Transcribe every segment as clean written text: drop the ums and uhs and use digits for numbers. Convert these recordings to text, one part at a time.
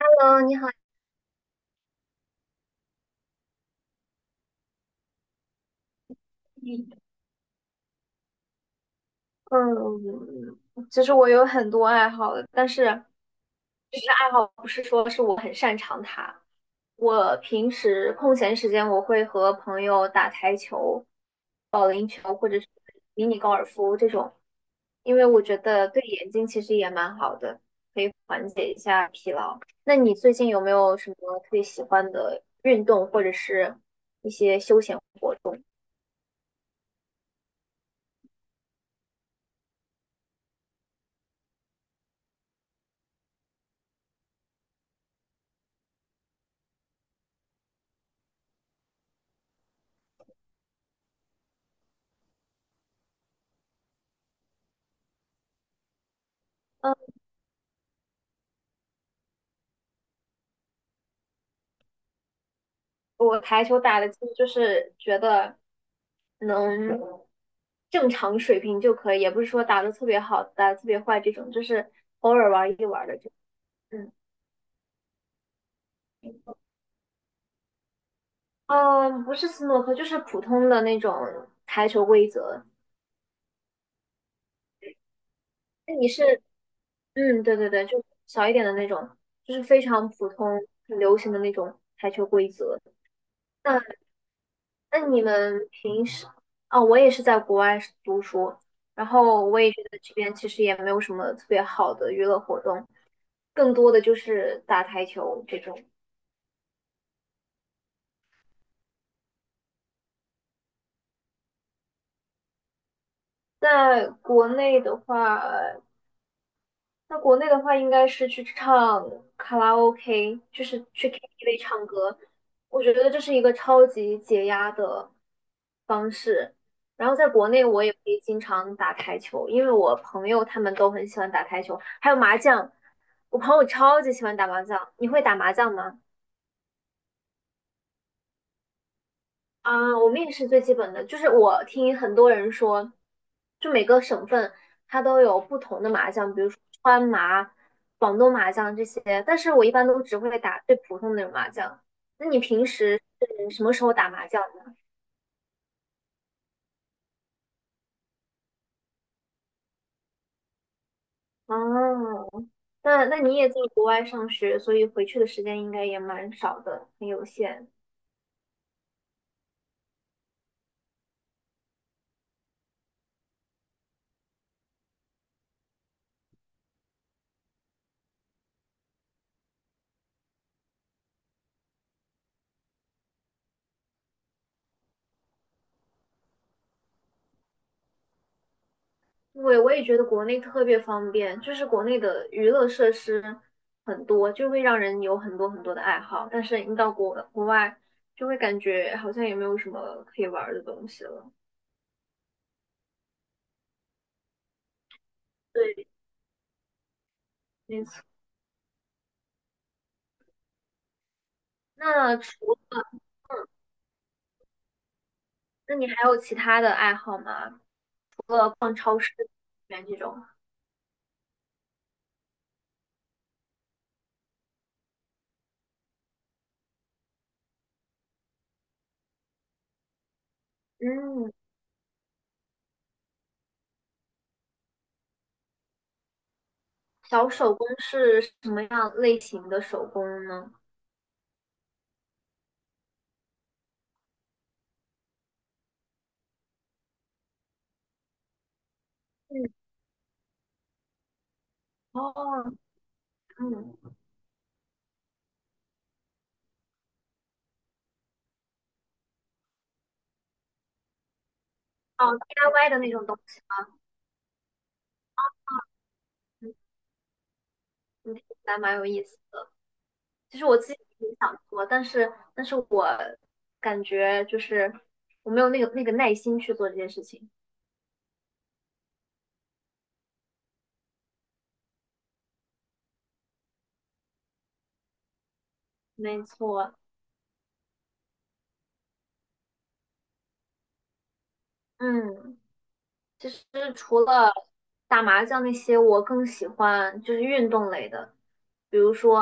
嗯，你好，嗯，其实我有很多爱好的，但是其实爱好不是说是我很，我平时空闲时间我会和朋友打台球、保龄球或者是迷你高尔夫这种，因为我觉得对眼睛其实也蛮好的，可以缓解一下疲劳。那你最近有没有什么特别喜欢的运动或者是一些休闲活动？嗯。我台球打的，就是觉得能正常水平就可以，也不是说打的特别好，打的特别坏这种，就是偶尔玩一玩的这种。嗯，呃，不是斯诺克，就是普通的那种台球规则。那你是，对对对，就小一点的那种，就是非常普通、很流行的那种台球规则。那那你们平时，哦，我也是在国外是读书，然后我也觉得这边其实也没有什么特别好的娱乐活动，更多的就是打台球这种。在国内的话，那国内的话，应该是去唱卡拉 OK，就是去 KTV 唱歌。我觉得这是一个超级解压的方式。然后在国内，我也会经常打台球，因为我朋友他们都很喜欢打台球，还有麻将。我朋友超级喜欢打麻将，你会打麻将吗？啊，我们也是最基本的，就是我听很多人说，就每个省份它都有不同的麻将，比如说川麻、广东麻将这些，但是我一般都只会打最普通的那种麻将。那你平时是什么时候打麻将的？哦，那你也在国外上学，所以回去的时间应该也蛮少的，很有限。对，我也觉得国内特别方便，就是国内的娱乐设施很多，就会让人有很多很多的爱好。但是你到国外，就会感觉好像也没有什么可以玩儿的东西了。对，没错。那除那你还有其他的爱好吗？除了逛超市、园这种，嗯，小手工是什么样类型的手工呢？嗯，哦，嗯，哦，DIY 的那种东西吗？嗯，你听起来蛮有意思。其实我自己也想做，但是我感觉就是我没有那个耐心去做这件事情。没错，嗯。其实除了打麻将那些，我更喜欢就是运动类的，比如说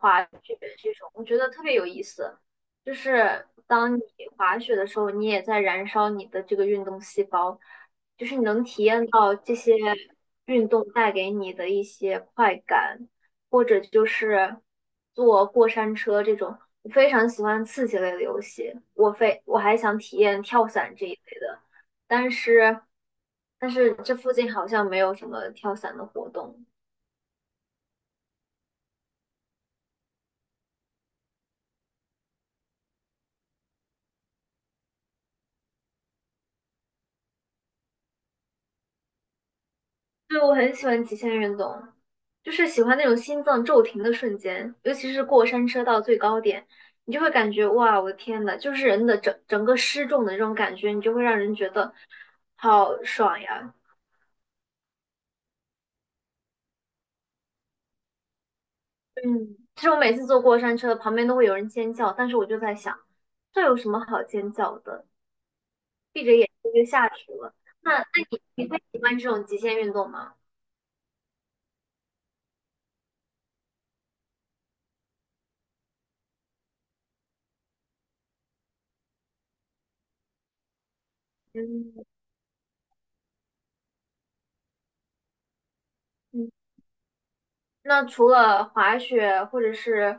滑雪这种，我觉得特别有意思。就是当你滑雪的时候，你也在燃烧你的这个运动细胞，就是你能体验到这些运动带给你的一些快感，或者就是坐过山车这种，我非常喜欢刺激类的游戏。我非我还想体验跳伞这一类的。但是这附近好像没有什么跳伞的活动。对，我很喜欢极限运动，就是喜欢那种心脏骤停的瞬间，尤其是过山车到最高点，你就会感觉哇，我的天呐，就是人的整个失重的这种感觉，你就会让人觉得好爽呀。嗯，其实我每次坐过山车，旁边都会有人尖叫，但是我就在想，这有什么好尖叫的？闭着眼睛就下去了。那你会喜欢这种极限运动吗？嗯嗯，那除了滑雪或者是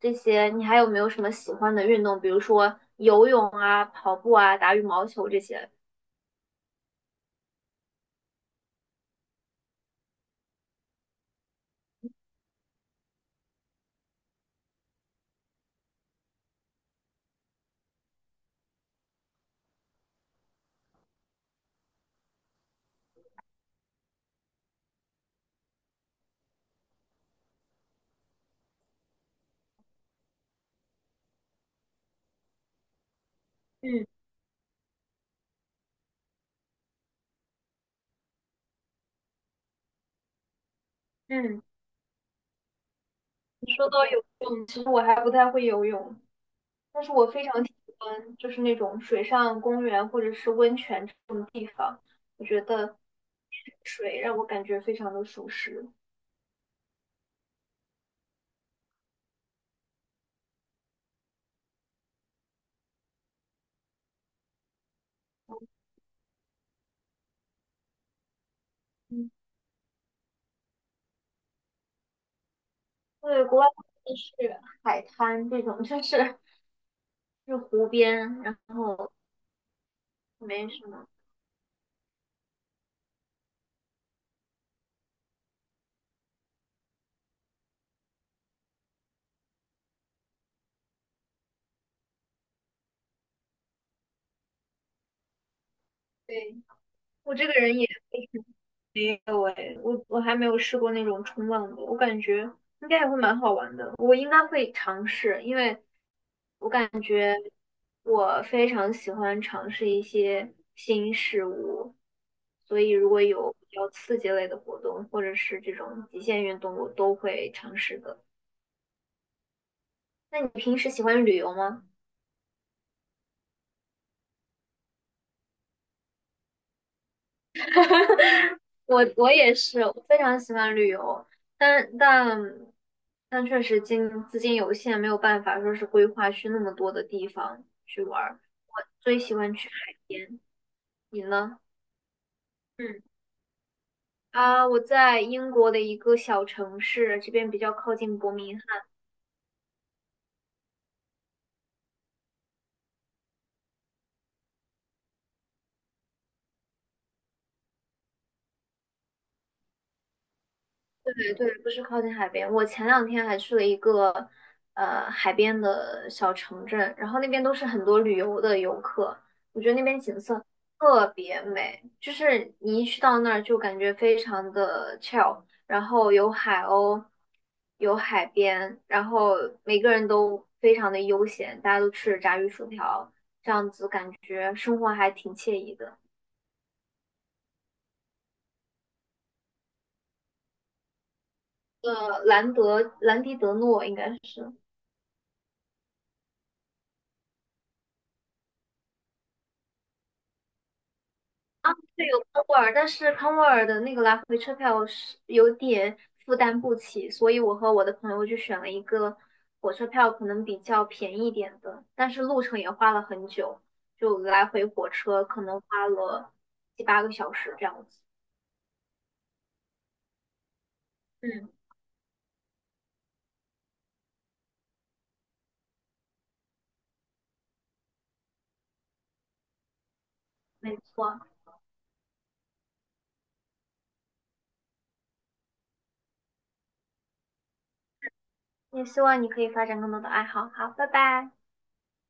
这些，你还有没有什么喜欢的运动？比如说游泳啊、跑步啊、打羽毛球这些。嗯嗯，你说到游泳，其实我还不太会游泳，但是我非常喜欢就是那种水上公园或者是温泉这种地方，我觉得水让我感觉非常的舒适。嗯，对，国外就是海滩这种，就是是湖边，然后没什么。对我这个人也。没有诶，我还没有试过那种冲浪的，我感觉应该也会蛮好玩的，我应该会尝试，因为我非常喜欢尝试一些新事物，所以如果有比较刺激类的活动，或者是这种极限运动，我都会尝试的。那你平时喜欢旅游吗？我也是，我非常喜欢旅游，但但但确实金资金有限，没有办法说是规划去那么多的地方去玩儿。我最喜欢去海边，你呢？嗯我在英国的一个小城市，这边比较靠近对，不是靠近海边。我前两天还去了一个海边的小城镇，然后那边都是很多旅游的游客，我觉得那边景色特别美，就是你一去到那儿就感觉非常的 chill，然后有海鸥，有海边，然后每个人都非常的悠闲，大家都吃着炸鱼薯条，这样子感觉生活还挺惬意的。呃，兰迪德诺应该是。对，有康沃尔，但是康沃尔的那个来回车票是有点负担不起，所以我和我的朋友就选了一个火车票可能比较便宜一点的，但是路程也花了很久，就来回火车可能花了七八个小时这样子。嗯，没错，也希望你可以发展更多的爱好。好，拜拜。